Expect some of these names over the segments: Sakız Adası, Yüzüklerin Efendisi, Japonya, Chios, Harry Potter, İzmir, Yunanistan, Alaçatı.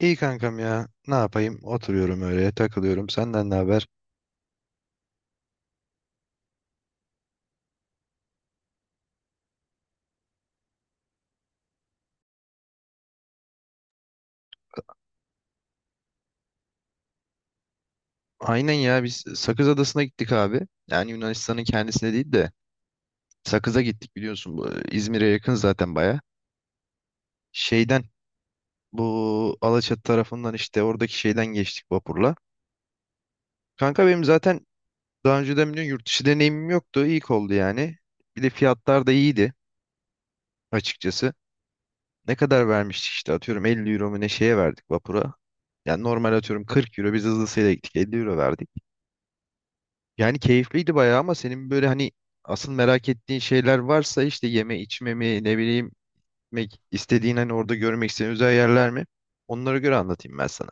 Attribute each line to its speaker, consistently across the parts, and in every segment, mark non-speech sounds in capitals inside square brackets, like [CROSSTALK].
Speaker 1: İyi kankam ya. Ne yapayım? Oturuyorum öyle, takılıyorum. Senden ne haber? Aynen ya biz Sakız Adası'na gittik abi. Yani Yunanistan'ın kendisine değil de Sakız'a gittik biliyorsun. Bu İzmir'e yakın zaten baya. Şeyden bu Alaçatı tarafından işte oradaki şeyden geçtik vapurla. Kanka benim zaten daha önceden biliyorsun yurt dışı deneyimim yoktu. İlk oldu yani. Bir de fiyatlar da iyiydi açıkçası. Ne kadar vermiştik işte atıyorum 50 euro mu ne şeye verdik vapura. Yani normal atıyorum 40 euro biz hızlısıyla gittik 50 euro verdik. Yani keyifliydi bayağı ama senin böyle hani asıl merak ettiğin şeyler varsa işte yeme içme mi ne bileyim istediğin hani orada görmek istediğin özel yerler mi? Onlara göre anlatayım ben sana.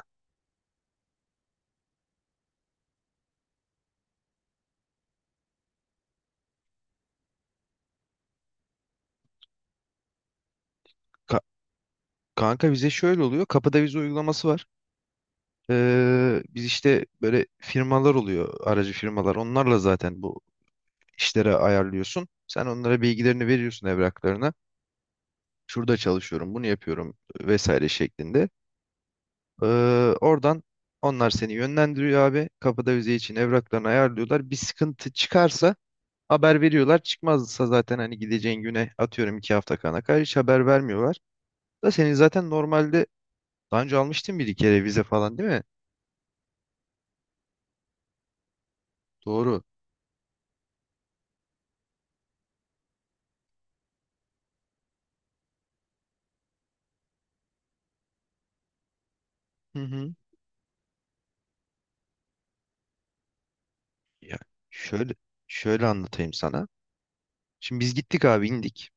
Speaker 1: Ka- kanka vize şöyle oluyor. Kapıda vize uygulaması var. Biz işte böyle firmalar oluyor aracı firmalar. Onlarla zaten bu işlere ayarlıyorsun. Sen onlara bilgilerini veriyorsun evraklarına. Şurada çalışıyorum, bunu yapıyorum vesaire şeklinde. Ee, oradan onlar seni yönlendiriyor abi. Kapıda vize için evraklarını ayarlıyorlar. Bir sıkıntı çıkarsa haber veriyorlar. Çıkmazsa zaten hani gideceğin güne atıyorum 2 hafta kana kadar hiç haber vermiyorlar. Da senin zaten normalde daha önce almıştın bir iki kere vize falan değil mi? Doğru. Hı hı. Ya şöyle şöyle anlatayım sana. Şimdi biz gittik abi indik.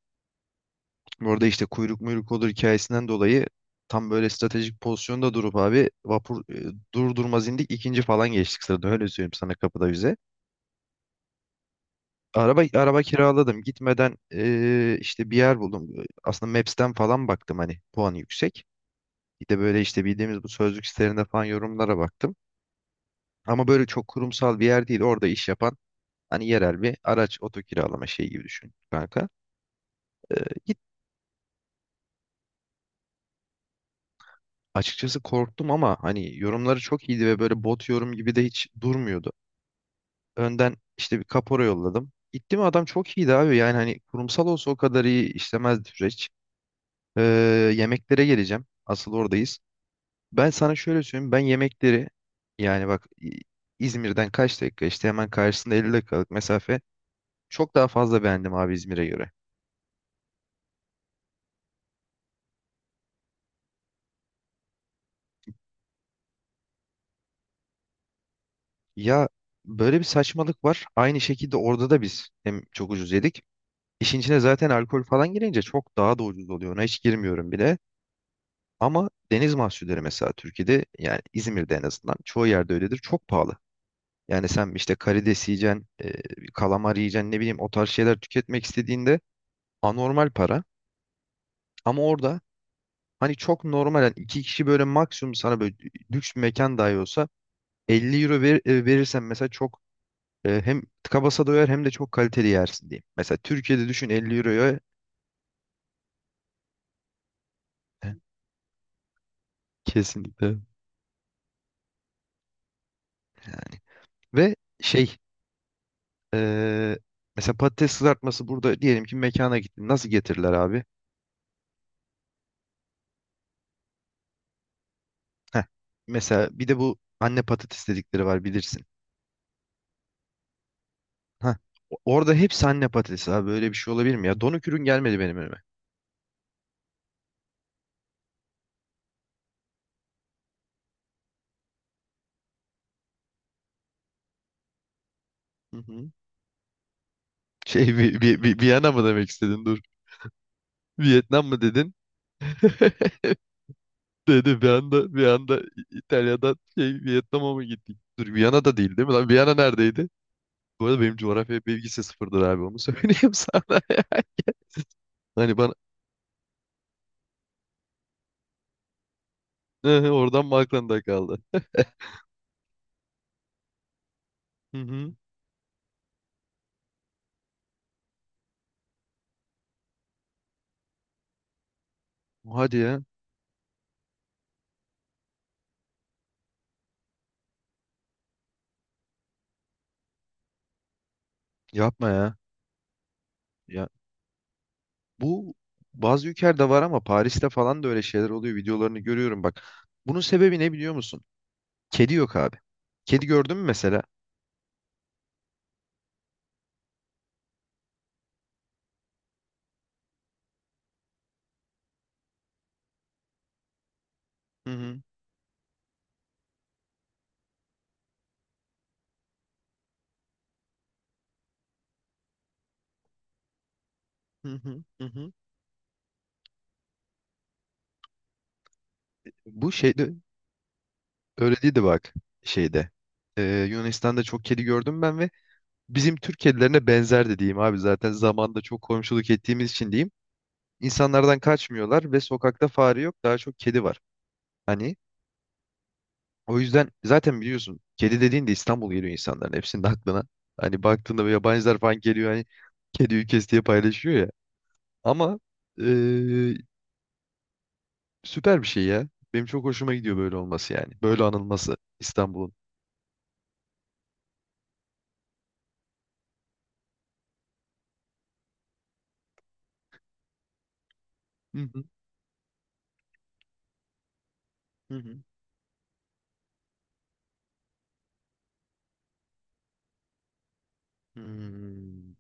Speaker 1: Orada işte kuyruk muyruk olur hikayesinden dolayı tam böyle stratejik pozisyonda durup abi vapur dur durmaz indik ikinci falan geçtik sırada öyle söyleyeyim sana kapıda vize. Araba kiraladım. Gitmeden işte bir yer buldum. Aslında Maps'ten falan baktım hani puanı yüksek. Bir de böyle işte bildiğimiz bu sözlük sitelerinde falan yorumlara baktım. Ama böyle çok kurumsal bir yer değil. Orada iş yapan hani yerel bir araç oto kiralama şeyi gibi düşün kanka. Git açıkçası korktum ama hani yorumları çok iyiydi ve böyle bot yorum gibi de hiç durmuyordu. Önden işte bir kapora yolladım. Gitti mi adam çok iyiydi abi. Yani hani kurumsal olsa o kadar iyi işlemezdi süreç. Eee, yemeklere geleceğim. Asıl oradayız. Ben sana şöyle söyleyeyim. Ben yemekleri yani bak İzmir'den kaç dakika işte hemen karşısında 50 dakikalık mesafe çok daha fazla beğendim abi İzmir'e göre. Ya böyle bir saçmalık var. Aynı şekilde orada da biz hem çok ucuz yedik. İşin içine zaten alkol falan girince çok daha da ucuz oluyor. Ona hiç girmiyorum bile. Ama deniz mahsulleri mesela Türkiye'de yani İzmir'de en azından çoğu yerde öyledir. Çok pahalı. Yani sen işte karides yiyeceksin, kalamar yiyeceksin ne bileyim o tarz şeyler tüketmek istediğinde anormal para. Ama orada hani çok normal yani iki kişi böyle maksimum sana böyle lüks bir mekan dahi olsa 50 euro ver, verirsen mesela çok hem tıka basa doyar hem de çok kaliteli yersin diyeyim. Mesela Türkiye'de düşün 50 euroya e, kesinlikle yani. Ve e, mesela patates kızartması burada diyelim ki mekana gittin nasıl getirirler abi? Heh, mesela bir de bu anne patates dedikleri var bilirsin. Heh, orada hepsi anne patatesi abi böyle bir şey olabilir mi ya? Donuk ürün gelmedi benim önüme. Hı hı. Şey bir mı demek istedin? Vietnam mı dedin? [LAUGHS] Dedi bir anda İtalya'dan şey Vietnam'a mı gittik? Dur Viyana da değil değil mi lan? Viyana neredeydi? Bu arada benim coğrafya bilgisi sıfırdır abi onu söyleyeyim [LAUGHS] sana, ya. Hani bana [LAUGHS] oradan mı aklında kaldı? Hı hı. Hadi ya. Yapma ya. Ya bu bazı ülkelerde var ama Paris'te falan da öyle şeyler oluyor. Videolarını görüyorum bak. Bunun sebebi ne biliyor musun? Kedi yok abi. Kedi gördün mü mesela? Hı hı. Hı hı. Hı hı. Bu şeyde Öyle değildi bak şeyde. Yunanistan'da çok kedi gördüm ben ve bizim Türk kedilerine benzer de diyeyim abi zaten zamanda çok komşuluk ettiğimiz için diyeyim. İnsanlardan kaçmıyorlar ve sokakta fare yok daha çok kedi var. Hani o yüzden zaten biliyorsun kedi dediğinde İstanbul geliyor insanların hepsinin aklına. Hani baktığında böyle yabancılar falan geliyor hani kedi ülkesi diye paylaşıyor ya. Ama ee, süper bir şey ya. Benim çok hoşuma gidiyor böyle olması yani. Böyle anılması İstanbul'un. Hı hı, hı hı. Hmm,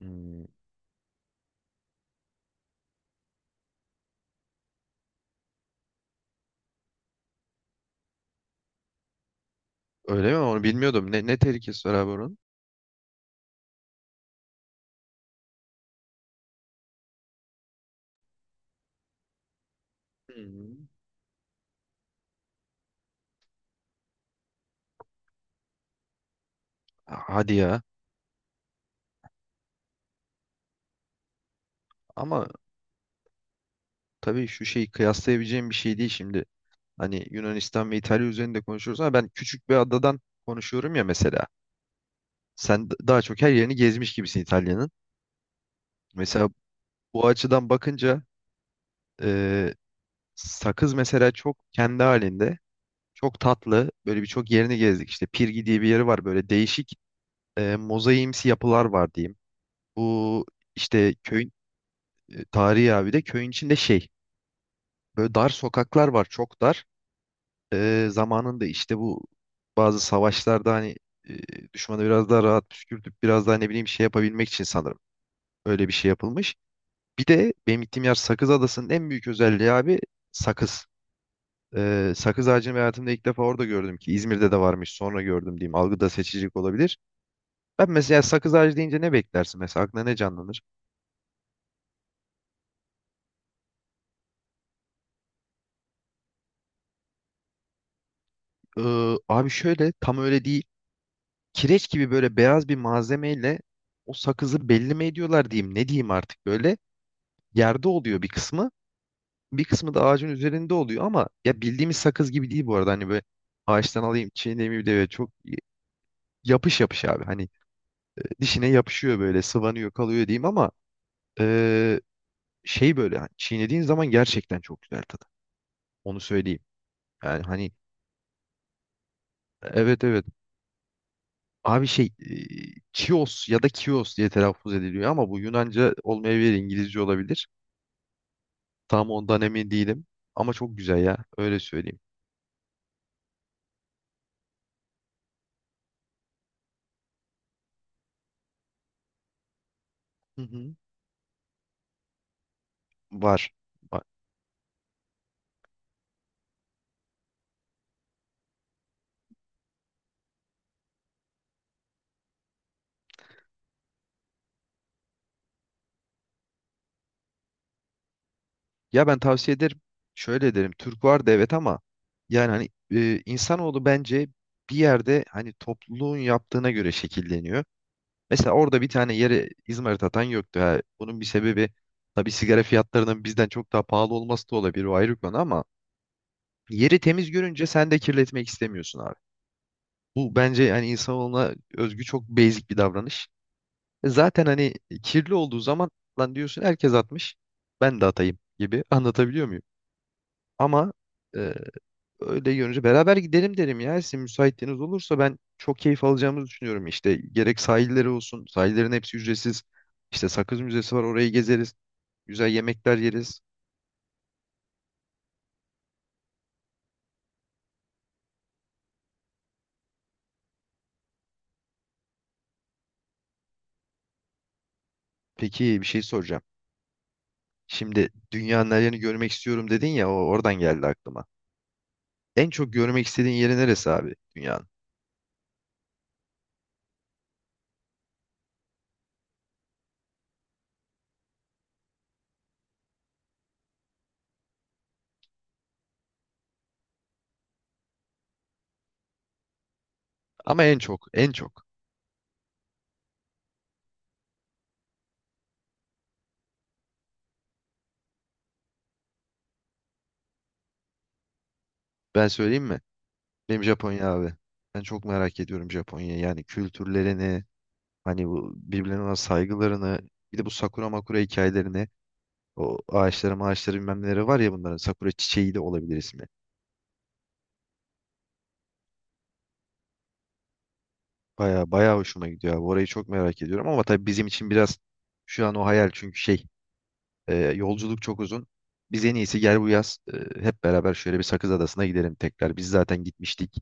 Speaker 1: hmm. Öyle mi? Onu bilmiyordum. Ne, ne tehlikesi var abi onun? Hmm. Hadi ya. Ama tabii şu şeyi kıyaslayabileceğim bir şey değil şimdi. Hani Yunanistan ve İtalya üzerinde konuşuyoruz ama ben küçük bir adadan konuşuyorum ya mesela. Sen daha çok her yerini gezmiş gibisin İtalya'nın. Mesela bu açıdan bakınca e, sakız mesela çok kendi halinde. Çok tatlı. Böyle birçok yerini gezdik. İşte Pirgi diye bir yeri var. Böyle değişik mozaiimsi yapılar var diyeyim. Bu işte köyün tarihi abi de köyün içinde şey. Böyle dar sokaklar var, çok dar. Zamanında işte bu bazı savaşlarda hani düşmanı biraz daha rahat püskürtüp biraz daha ne bileyim şey yapabilmek için sanırım öyle bir şey yapılmış. Bir de benim gittiğim yer Sakız Adası'nın en büyük özelliği abi sakız. Sakız ağacını ben hayatımda ilk defa orada gördüm ki İzmir'de de varmış sonra gördüm diyeyim. Algıda seçicilik olabilir. Ben mesela sakız ağacı deyince ne beklersin mesela aklına ne canlanır? Abi şöyle tam öyle değil. Kireç gibi böyle beyaz bir malzemeyle o sakızı belli mi ediyorlar diyeyim ne diyeyim artık böyle yerde oluyor bir kısmı bir kısmı da ağacın üzerinde oluyor ama ya bildiğimiz sakız gibi değil bu arada hani böyle ağaçtan alayım çiğneyim bir de böyle çok yapış yapış abi hani dişine yapışıyor böyle sıvanıyor kalıyor diyeyim ama eee, şey böyle hani çiğnediğin zaman gerçekten çok güzel tadı onu söyleyeyim yani hani evet evet. Abi Chios ya da Kios diye telaffuz ediliyor ama bu Yunanca olmayabilir, İngilizce olabilir. Tam ondan emin değilim. Ama çok güzel ya. Öyle söyleyeyim. Hı hı. Var. Var. Ya ben tavsiye ederim. Şöyle derim Türk vardı evet ama yani hani insanoğlu bence bir yerde hani topluluğun yaptığına göre şekilleniyor. Mesela orada bir tane yere İzmarit atan yoktu. Ha, bunun bir sebebi tabii sigara fiyatlarının bizden çok daha pahalı olması da olabilir. O ayrı konu ama yeri temiz görünce sen de kirletmek istemiyorsun abi. Bu bence hani insanoğluna özgü çok basic bir davranış. Zaten hani kirli olduğu zaman lan diyorsun herkes atmış. Ben de atayım gibi [LAUGHS] anlatabiliyor muyum? Ama e, öyle görünce beraber gidelim derim ya. Sizin müsaitliğiniz olursa ben çok keyif alacağımızı düşünüyorum. İşte gerek sahilleri olsun. Sahillerin hepsi ücretsiz. İşte Sakız Müzesi var orayı gezeriz. Güzel yemekler yeriz. Peki bir şey soracağım. Şimdi dünyanın her yerini görmek istiyorum dedin ya o oradan geldi aklıma. En çok görmek istediğin yeri neresi abi dünyanın? Ama en çok en çok. Ben söyleyeyim mi? Benim Japonya abi. Ben çok merak ediyorum Japonya'yı. Yani kültürlerini, hani bu birbirlerine olan saygılarını, bir de bu sakura makura hikayelerini, o ağaçları bilmem neleri var ya bunların sakura çiçeği de olabilir ismi. Baya baya hoşuma gidiyor abi. Orayı çok merak ediyorum ama tabii bizim için biraz şu an o hayal çünkü şey yolculuk çok uzun. Biz en iyisi gel bu yaz hep beraber şöyle bir Sakız Adası'na gidelim tekrar. Biz zaten gitmiştik.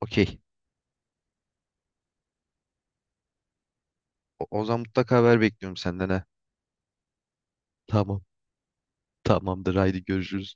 Speaker 1: Okey. O zaman mutlaka haber bekliyorum senden ha. Tamam. Tamamdır. Haydi görüşürüz.